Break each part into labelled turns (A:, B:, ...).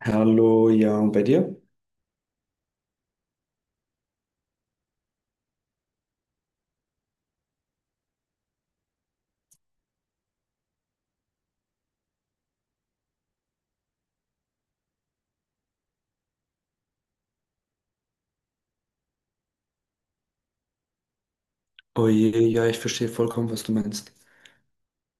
A: Hallo, ja, und bei dir? Oh je, ja, ich verstehe vollkommen, was du meinst.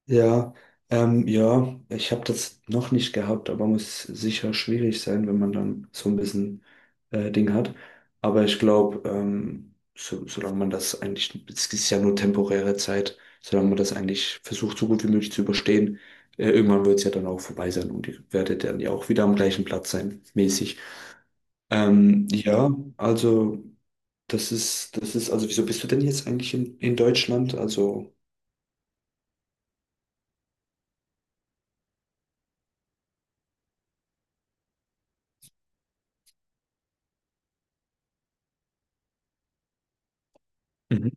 A: Ja, ja, ich habe das noch nicht gehabt, aber muss sicher schwierig sein, wenn man dann so ein bisschen Ding hat. Aber ich glaube, solange man das es ist ja nur temporäre Zeit, solange man das eigentlich versucht, so gut wie möglich zu überstehen, irgendwann wird es ja dann auch vorbei sein und ihr werdet dann ja auch wieder am gleichen Platz sein, mäßig. Ähm, ja, also. Also wieso bist du denn jetzt eigentlich in Deutschland? Also, mhm.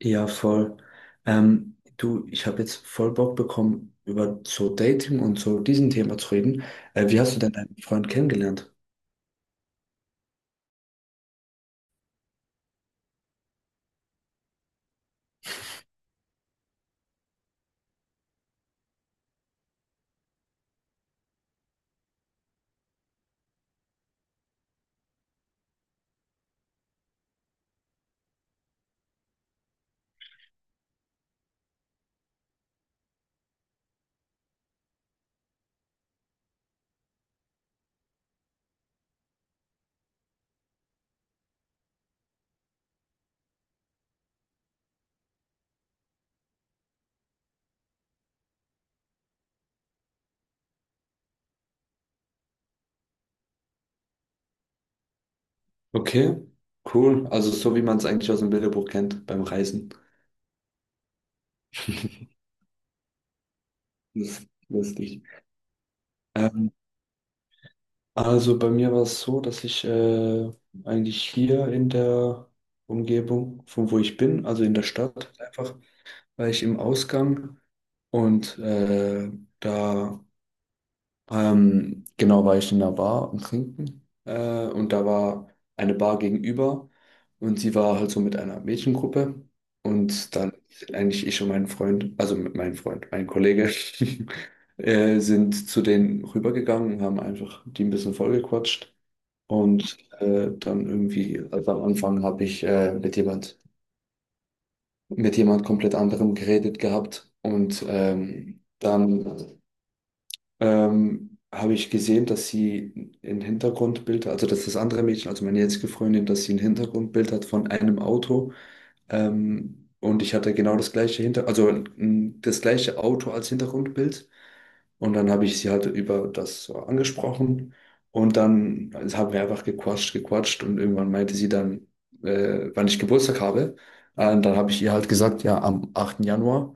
A: Ja, voll. Du, ich habe jetzt voll Bock bekommen, über so Dating und so diesen Thema zu reden. Wie hast du denn deinen Freund kennengelernt? Okay, cool. Also so wie man es eigentlich aus dem Bilderbuch kennt beim Reisen. Das ist lustig. Ähm, also bei mir war es so, dass ich eigentlich hier in der Umgebung, von wo ich bin, also in der Stadt einfach, war ich im Ausgang und da genau, war ich in einer Bar und trinken und da war eine Bar gegenüber und sie war halt so mit einer Mädchengruppe. Und dann sind eigentlich ich und mein Freund, also mit meinem Freund, mein Kollege, sind zu denen rübergegangen und haben einfach die ein bisschen vollgequatscht. Und also am Anfang habe ich mit jemand komplett anderem geredet gehabt. Und dann habe ich gesehen, dass also dass das andere Mädchen, also meine jetzige Freundin, dass sie ein Hintergrundbild hat von einem Auto, und ich hatte genau das gleiche Hinter, also n- das gleiche Auto als Hintergrundbild. Und dann habe ich sie halt über das so angesprochen. Und dann haben wir einfach gequatscht. Und irgendwann meinte sie dann, wann ich Geburtstag habe. Und dann habe ich ihr halt gesagt, ja, am achten Januar.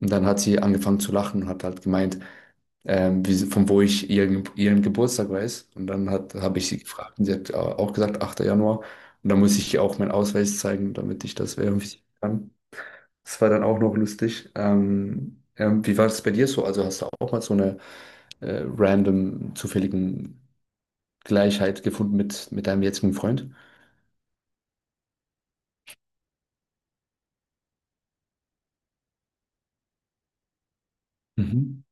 A: Und dann hat sie angefangen zu lachen und hat halt gemeint, von wo ich ihren Geburtstag weiß. Und habe ich sie gefragt und sie hat auch gesagt, 8. Januar. Und dann muss ich ihr auch meinen Ausweis zeigen, damit ich das verifizieren kann. Das war dann auch noch lustig. Wie war es bei dir so? Also hast du auch mal so eine zufälligen Gleichheit gefunden mit deinem jetzigen Freund? Mhm.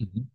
A: Mhm.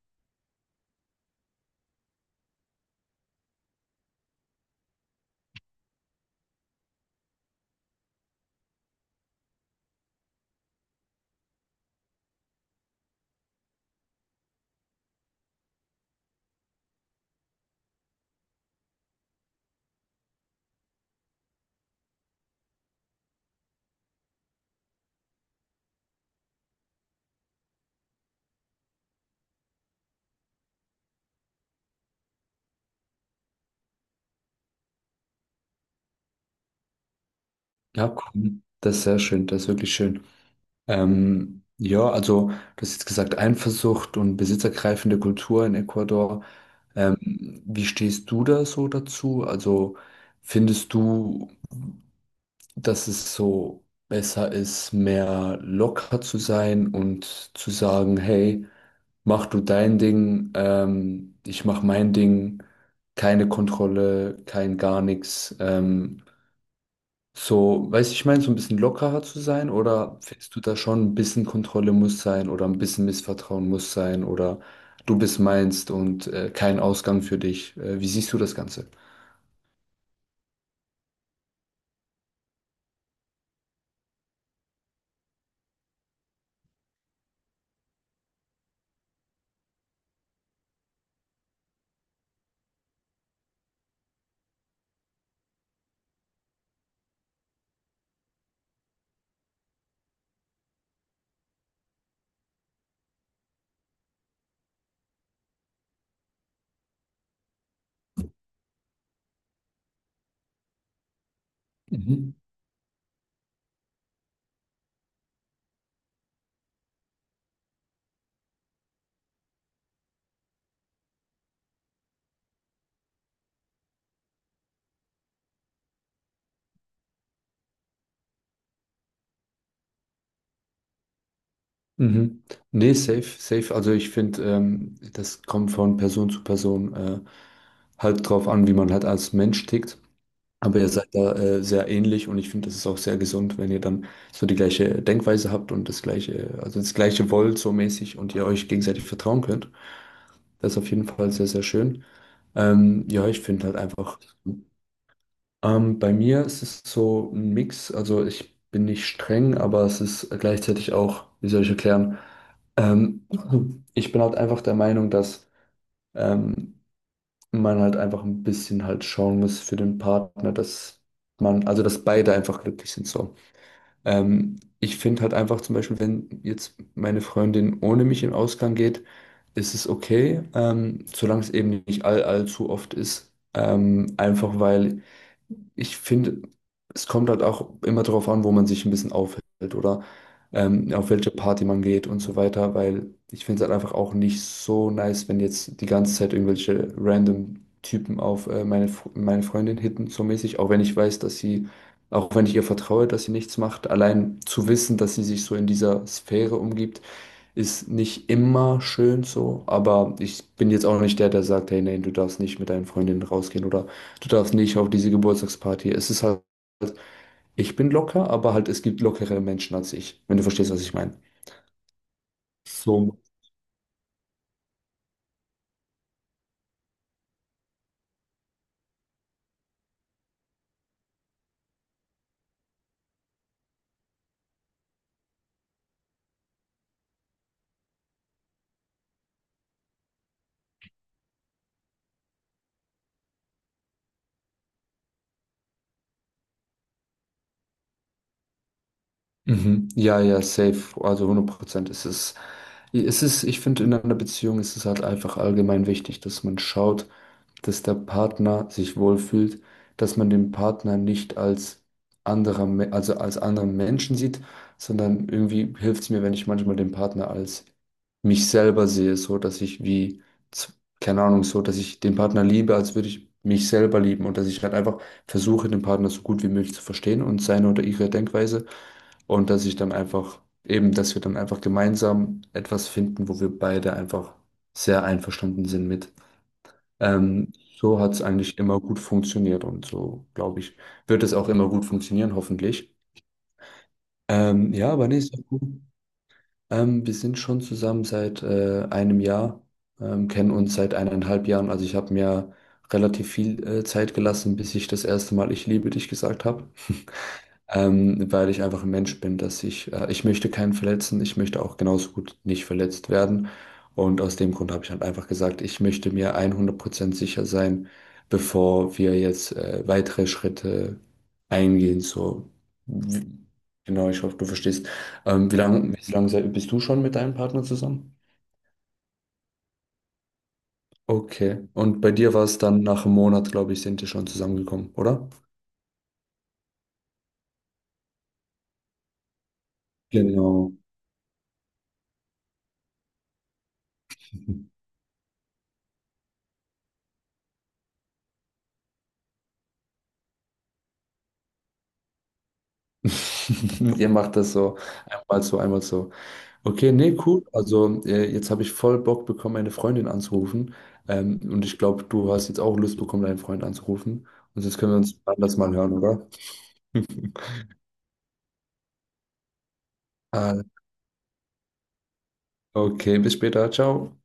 A: Ja, cool. Das ist sehr schön, das ist wirklich schön. Ja, also du hast jetzt gesagt, Eifersucht und besitzergreifende Kultur in Ecuador. Wie stehst du da so dazu? Also findest du, dass es so besser ist, mehr locker zu sein und zu sagen, hey, mach du dein Ding, ich mach mein Ding, keine Kontrolle, kein gar nichts. Weißt du, ich meine, so ein bisschen lockerer zu sein, oder findest du da schon ein bisschen Kontrolle muss sein oder ein bisschen Missvertrauen muss sein oder du bist meinst und kein Ausgang für dich? Wie siehst du das Ganze? Mhm. Mhm. Nee, safe, safe. Also ich finde, das kommt von Person zu Person halt drauf an, wie man halt als Mensch tickt. Aber ihr seid da sehr ähnlich und ich finde, das ist auch sehr gesund, wenn ihr dann so die gleiche Denkweise habt und also das gleiche wollt so mäßig und ihr euch gegenseitig vertrauen könnt. Das ist auf jeden Fall sehr, sehr schön. Ja, ich finde halt einfach, bei mir ist es so ein Mix. Also ich bin nicht streng, aber es ist gleichzeitig auch, wie soll ich erklären, ähm, ich bin halt einfach der Meinung, dass ähm, man halt einfach ein bisschen halt schauen muss für den Partner, dass also dass beide einfach glücklich sind so. Ich finde halt einfach zum Beispiel, wenn jetzt meine Freundin ohne mich in den Ausgang geht, ist es okay, solange es eben nicht allzu oft ist. Einfach weil ich finde, es kommt halt auch immer darauf an, wo man sich ein bisschen aufhält oder auf welche Party man geht und so weiter, weil ich finde es halt einfach auch nicht so nice, wenn jetzt die ganze Zeit irgendwelche random Typen auf meine Freundin hitten, so mäßig, auch wenn ich weiß, dass auch wenn ich ihr vertraue, dass sie nichts macht, allein zu wissen, dass sie sich so in dieser Sphäre umgibt, ist nicht immer schön so, aber ich bin jetzt auch nicht der, der sagt, hey, nein, du darfst nicht mit deinen Freundinnen rausgehen oder du darfst nicht auf diese Geburtstagsparty. Es ist halt, ich bin locker, aber halt, es gibt lockere Menschen als ich, wenn du verstehst, was ich meine. So. Mhm. Ja, ja, safe. Also hundert Prozent ist es. Es ist, ich finde, in einer Beziehung ist es halt einfach allgemein wichtig, dass man schaut, dass der Partner sich wohlfühlt, dass man den Partner nicht als also als anderen Menschen sieht, sondern irgendwie hilft es mir, wenn ich manchmal den Partner als mich selber sehe, so dass ich z- keine Ahnung, so dass ich den Partner liebe, als würde ich mich selber lieben und dass ich halt einfach versuche, den Partner so gut wie möglich zu verstehen und seine oder ihre Denkweise. Und dass ich dann dass wir dann einfach gemeinsam etwas finden, wo wir beide einfach sehr einverstanden sind mit. So hat es eigentlich immer gut funktioniert und so, glaube ich, wird es auch immer gut funktionieren, hoffentlich. Ja, aber nee, ist auch gut. Wir sind schon zusammen seit einem Jahr, kennen uns seit eineinhalb Jahren. Also ich habe mir relativ viel Zeit gelassen, bis ich das erste Mal Ich liebe dich gesagt habe. Weil ich einfach ein Mensch bin, dass ich möchte keinen verletzen, ich möchte auch genauso gut nicht verletzt werden. Und aus dem Grund habe ich halt einfach gesagt, ich möchte mir 100% sicher sein, bevor wir jetzt weitere Schritte eingehen. W- genau, ich hoffe, du verstehst. Wie Ja. Wie lange bist du schon mit deinem Partner zusammen? Okay. Und bei dir war es dann nach einem Monat, glaube ich, sind ihr schon zusammengekommen, oder? Genau. Ihr macht das so einmal so, einmal so. Okay, nee, cool. Also jetzt habe ich voll Bock bekommen, meine Freundin anzurufen. Und ich glaube, du hast jetzt auch Lust bekommen, deinen Freund anzurufen. Und jetzt können wir uns anders mal hören, oder? Ah, okay, bis später. Ciao.